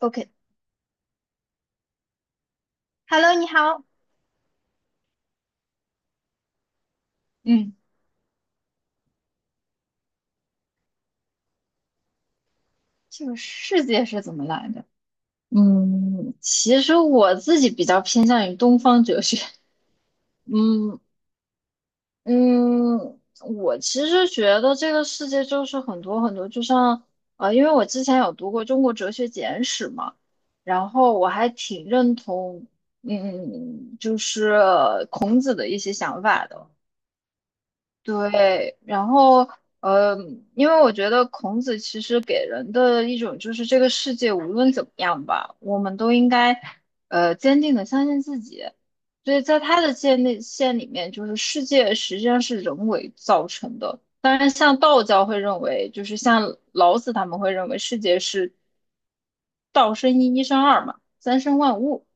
OK，Hello，你好。嗯，这个世界是怎么来的？其实我自己比较偏向于东方哲学。嗯嗯，我其实觉得这个世界就是很多很多，就像因为我之前有读过《中国哲学简史》嘛，然后我还挺认同，就是孔子的一些想法的。对，然后呃，因为我觉得孔子其实给人的一种就是这个世界无论怎么样吧，我们都应该坚定的相信自己。所以在他的界内线里面，就是世界实际上是人为造成的。当然，像道教会认为，就是像老子他们会认为世界是道生一，一生二嘛，三生万物。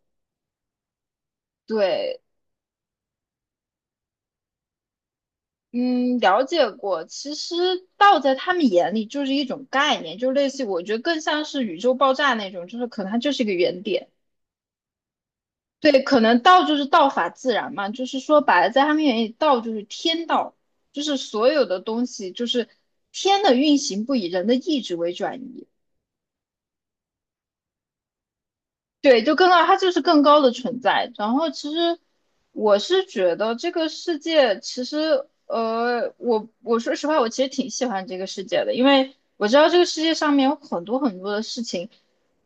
对，嗯，了解过。其实道在他们眼里就是一种概念，就类似于我觉得更像是宇宙爆炸那种，就是可能它就是一个原点。对，可能道就是道法自然嘛，就是说白了，在他们眼里，道就是天道，就是所有的东西就是天的运行不以人的意志为转移。对，就更高，它就是更高的存在。然后其实我是觉得这个世界，其实我说实话，我其实挺喜欢这个世界的，因为我知道这个世界上面有很多很多的事情，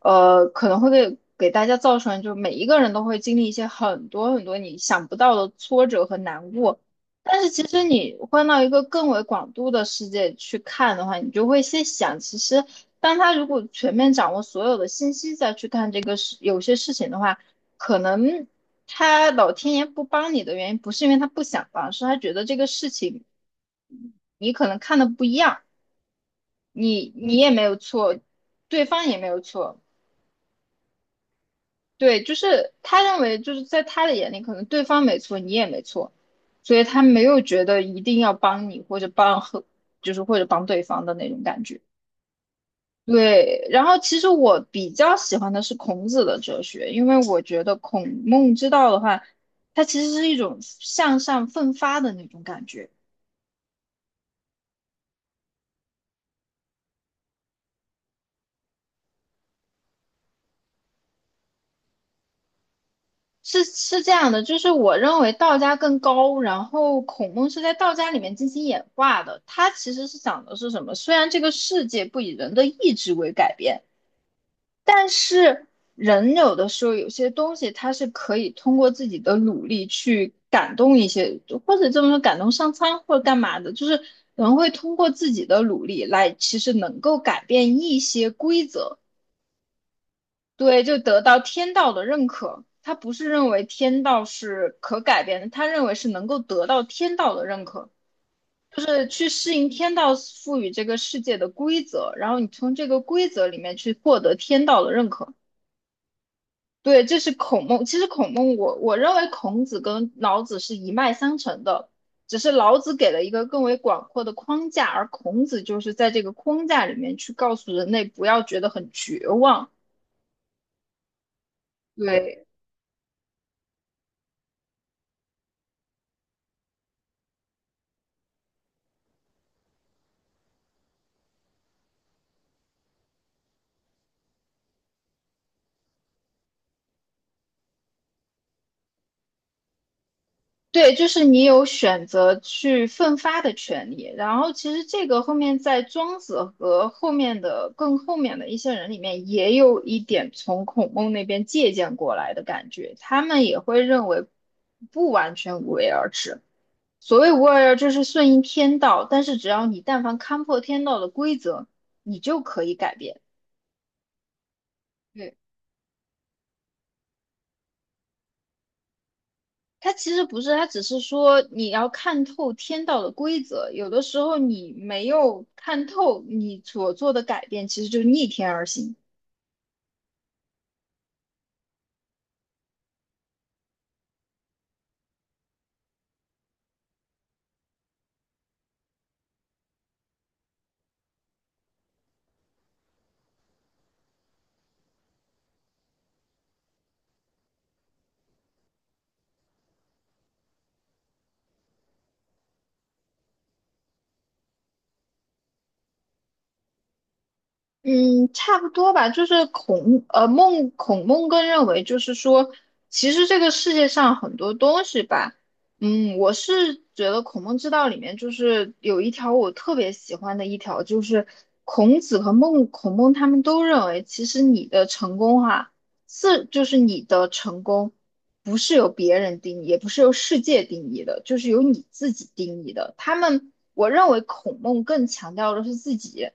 可能会给大家造成，就每一个人都会经历一些很多很多你想不到的挫折和难过。但是其实你换到一个更为广度的世界去看的话，你就会先想，其实。当他如果全面掌握所有的信息再去看这个事，有些事情的话，可能他老天爷不帮你的原因，不是因为他不想帮，是他觉得这个事情你可能看的不一样，你也没有错，对方也没有错，对，就是他认为就是在他的眼里，可能对方没错，你也没错，所以他没有觉得一定要帮你或者帮和，就是或者帮对方的那种感觉。对，然后其实我比较喜欢的是孔子的哲学，因为我觉得孔孟之道的话，它其实是一种向上奋发的那种感觉。是是这样的，就是我认为道家更高，然后孔孟是在道家里面进行演化的。它其实是讲的是什么？虽然这个世界不以人的意志为改变，但是人有的时候有些东西，他是可以通过自己的努力去感动一些，或者这么说感动上苍或者干嘛的，就是人会通过自己的努力来，其实能够改变一些规则，对，就得到天道的认可。他不是认为天道是可改变的，他认为是能够得到天道的认可，就是去适应天道赋予这个世界的规则，然后你从这个规则里面去获得天道的认可。对，这是孔孟。其实孔孟我认为孔子跟老子是一脉相承的，只是老子给了一个更为广阔的框架，而孔子就是在这个框架里面去告诉人类不要觉得很绝望。对，对，就是你有选择去奋发的权利。然后其实这个后面在庄子和后面的更后面的一些人里面，也有一点从孔孟那边借鉴过来的感觉，他们也会认为不完全无为而治。所谓无二要，这是顺应天道，但是只要你但凡看破天道的规则，你就可以改变。对，它其实不是，它只是说你要看透天道的规则，有的时候你没有看透，你所做的改变其实就是逆天而行。嗯，差不多吧，就是孔孟更认为，就是说，其实这个世界上很多东西吧，我是觉得《孔孟之道》里面就是有一条我特别喜欢的一条，就是孔子和孔孟他们都认为，其实你的成功哈、是就是你的成功不是由别人定义，也不是由世界定义的，就是由你自己定义的。他们我认为孔孟更强调的是自己。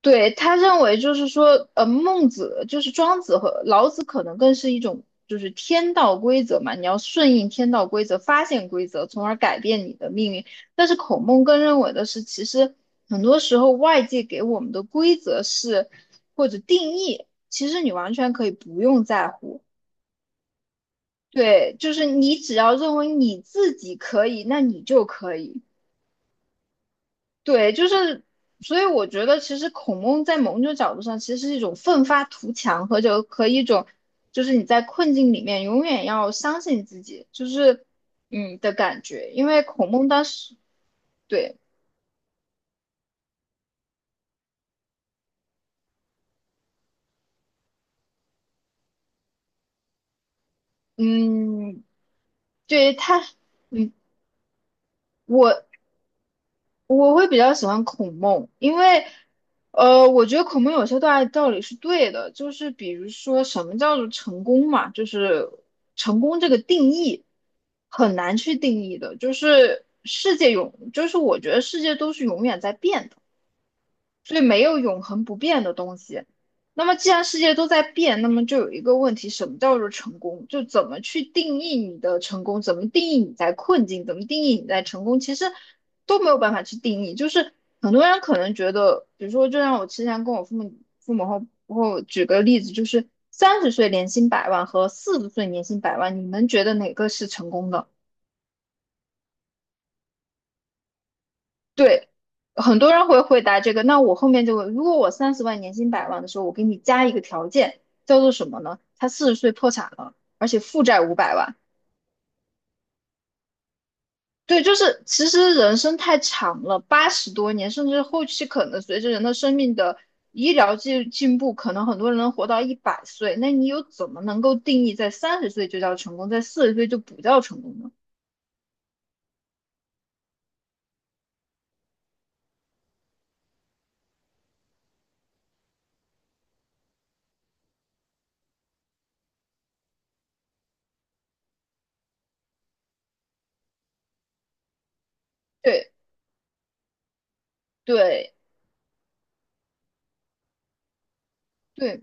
对，他认为就是说，孟子就是庄子和老子，可能更是一种就是天道规则嘛，你要顺应天道规则，发现规则，从而改变你的命运。但是孔孟更认为的是，其实很多时候外界给我们的规则是或者定义，其实你完全可以不用在乎。对，就是你只要认为你自己可以，那你就可以。对，就是，所以我觉得其实孔孟在某种角度上其实是一种奋发图强和就和一种，就是你在困境里面永远要相信自己，就是的感觉。因为孔孟当时对，嗯，对他，嗯，我我会比较喜欢孔孟，因为，我觉得孔孟有些大道理是对的，就是比如说什么叫做成功嘛，就是成功这个定义很难去定义的，就是世界永，就是我觉得世界都是永远在变的。所以没有永恒不变的东西。那么既然世界都在变，那么就有一个问题，什么叫做成功？就怎么去定义你的成功？怎么定义你在困境？怎么定义你在成功？其实都没有办法去定义。就是很多人可能觉得，比如说，就像我之前跟我父母后举个例子，就是三十岁年薪百万和四十岁年薪百万，你们觉得哪个是成功的？对，很多人会回答这个。那我后面就问，如果我30万年薪百万的时候，我给你加一个条件，叫做什么呢？他四十岁破产了，而且负债500万。对，就是其实人生太长了，80多年，甚至后期可能随着人的生命的医疗进步，可能很多人能活到100岁。那你又怎么能够定义在三十岁就叫成功，在四十岁就不叫成功呢？对对对，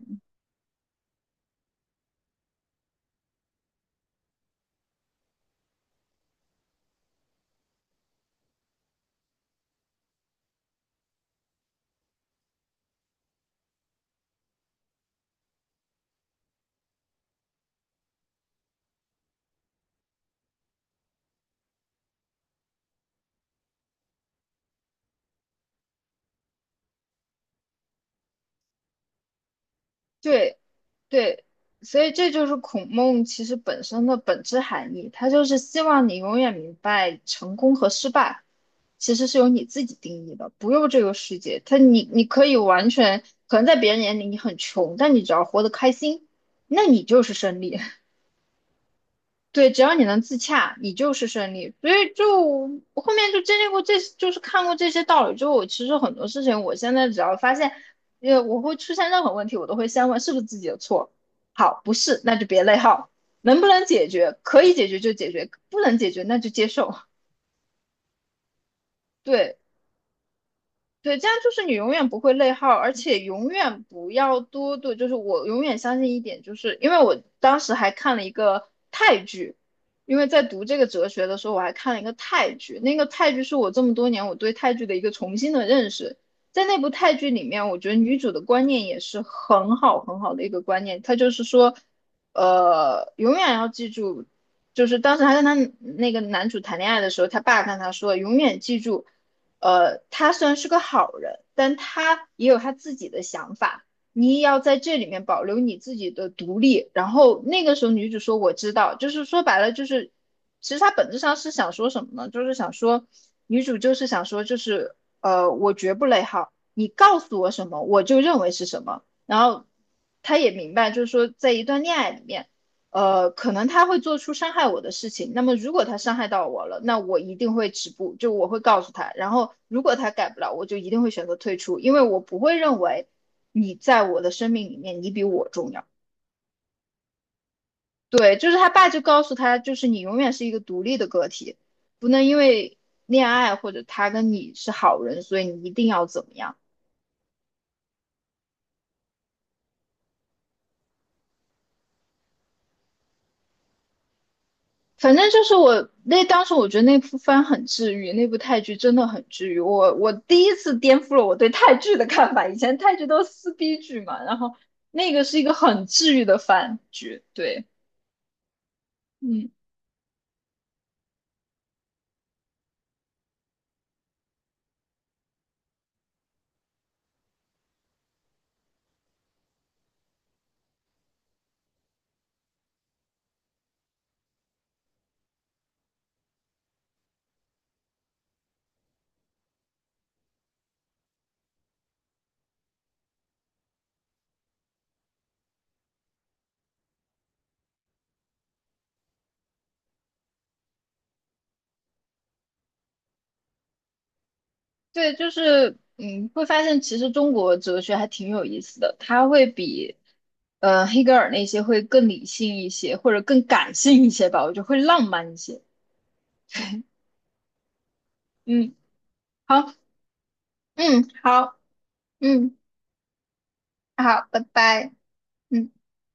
对对，所以这就是孔孟其实本身的本质含义，他就是希望你永远明白成功和失败其实是由你自己定义的，不用这个世界。他你可以完全可能在别人眼里你很穷，但你只要活得开心，那你就是胜利。对，只要你能自洽，你就是胜利。所以就我后面就经历过这，就是看过这些道理之后，我其实很多事情，我现在只要发现，我会出现任何问题，我都会先问是不是自己的错。好，不是，那就别内耗。能不能解决？可以解决就解决，不能解决那就接受。对，对，这样就是你永远不会内耗，而且永远不要多对，就是我永远相信一点，就是因为我当时还看了一个泰剧，因为在读这个哲学的时候，我还看了一个泰剧，那个泰剧是我这么多年我对泰剧的一个重新的认识。在那部泰剧里面，我觉得女主的观念也是很好很好的一个观念，她就是说，永远要记住，就是当时她跟她那个男主谈恋爱的时候，她爸跟她说，永远记住。他虽然是个好人，但他也有他自己的想法。你也要在这里面保留你自己的独立。然后那个时候，女主说：“我知道。”就是说白了，就是其实她本质上是想说什么呢？就是想说，女主就是想说，就是我绝不内耗，你告诉我什么，我就认为是什么。然后她也明白，就是说，在一段恋爱里面。可能他会做出伤害我的事情。那么，如果他伤害到我了，那我一定会止步，就我会告诉他。然后，如果他改不了，我就一定会选择退出，因为我不会认为你在我的生命里面你比我重要。对，就是他爸就告诉他，就是你永远是一个独立的个体，不能因为恋爱或者他跟你是好人，所以你一定要怎么样。反正就是我那当时我觉得那部番很治愈，那部泰剧真的很治愈。我第一次颠覆了我对泰剧的看法，以前泰剧都是撕逼剧嘛，然后那个是一个很治愈的番剧。对，嗯，对，就是会发现其实中国哲学还挺有意思的，它会比黑格尔那些会更理性一些，或者更感性一些吧，我觉得会浪漫一些。嗯，好，嗯，好，嗯，好，拜拜。嗯。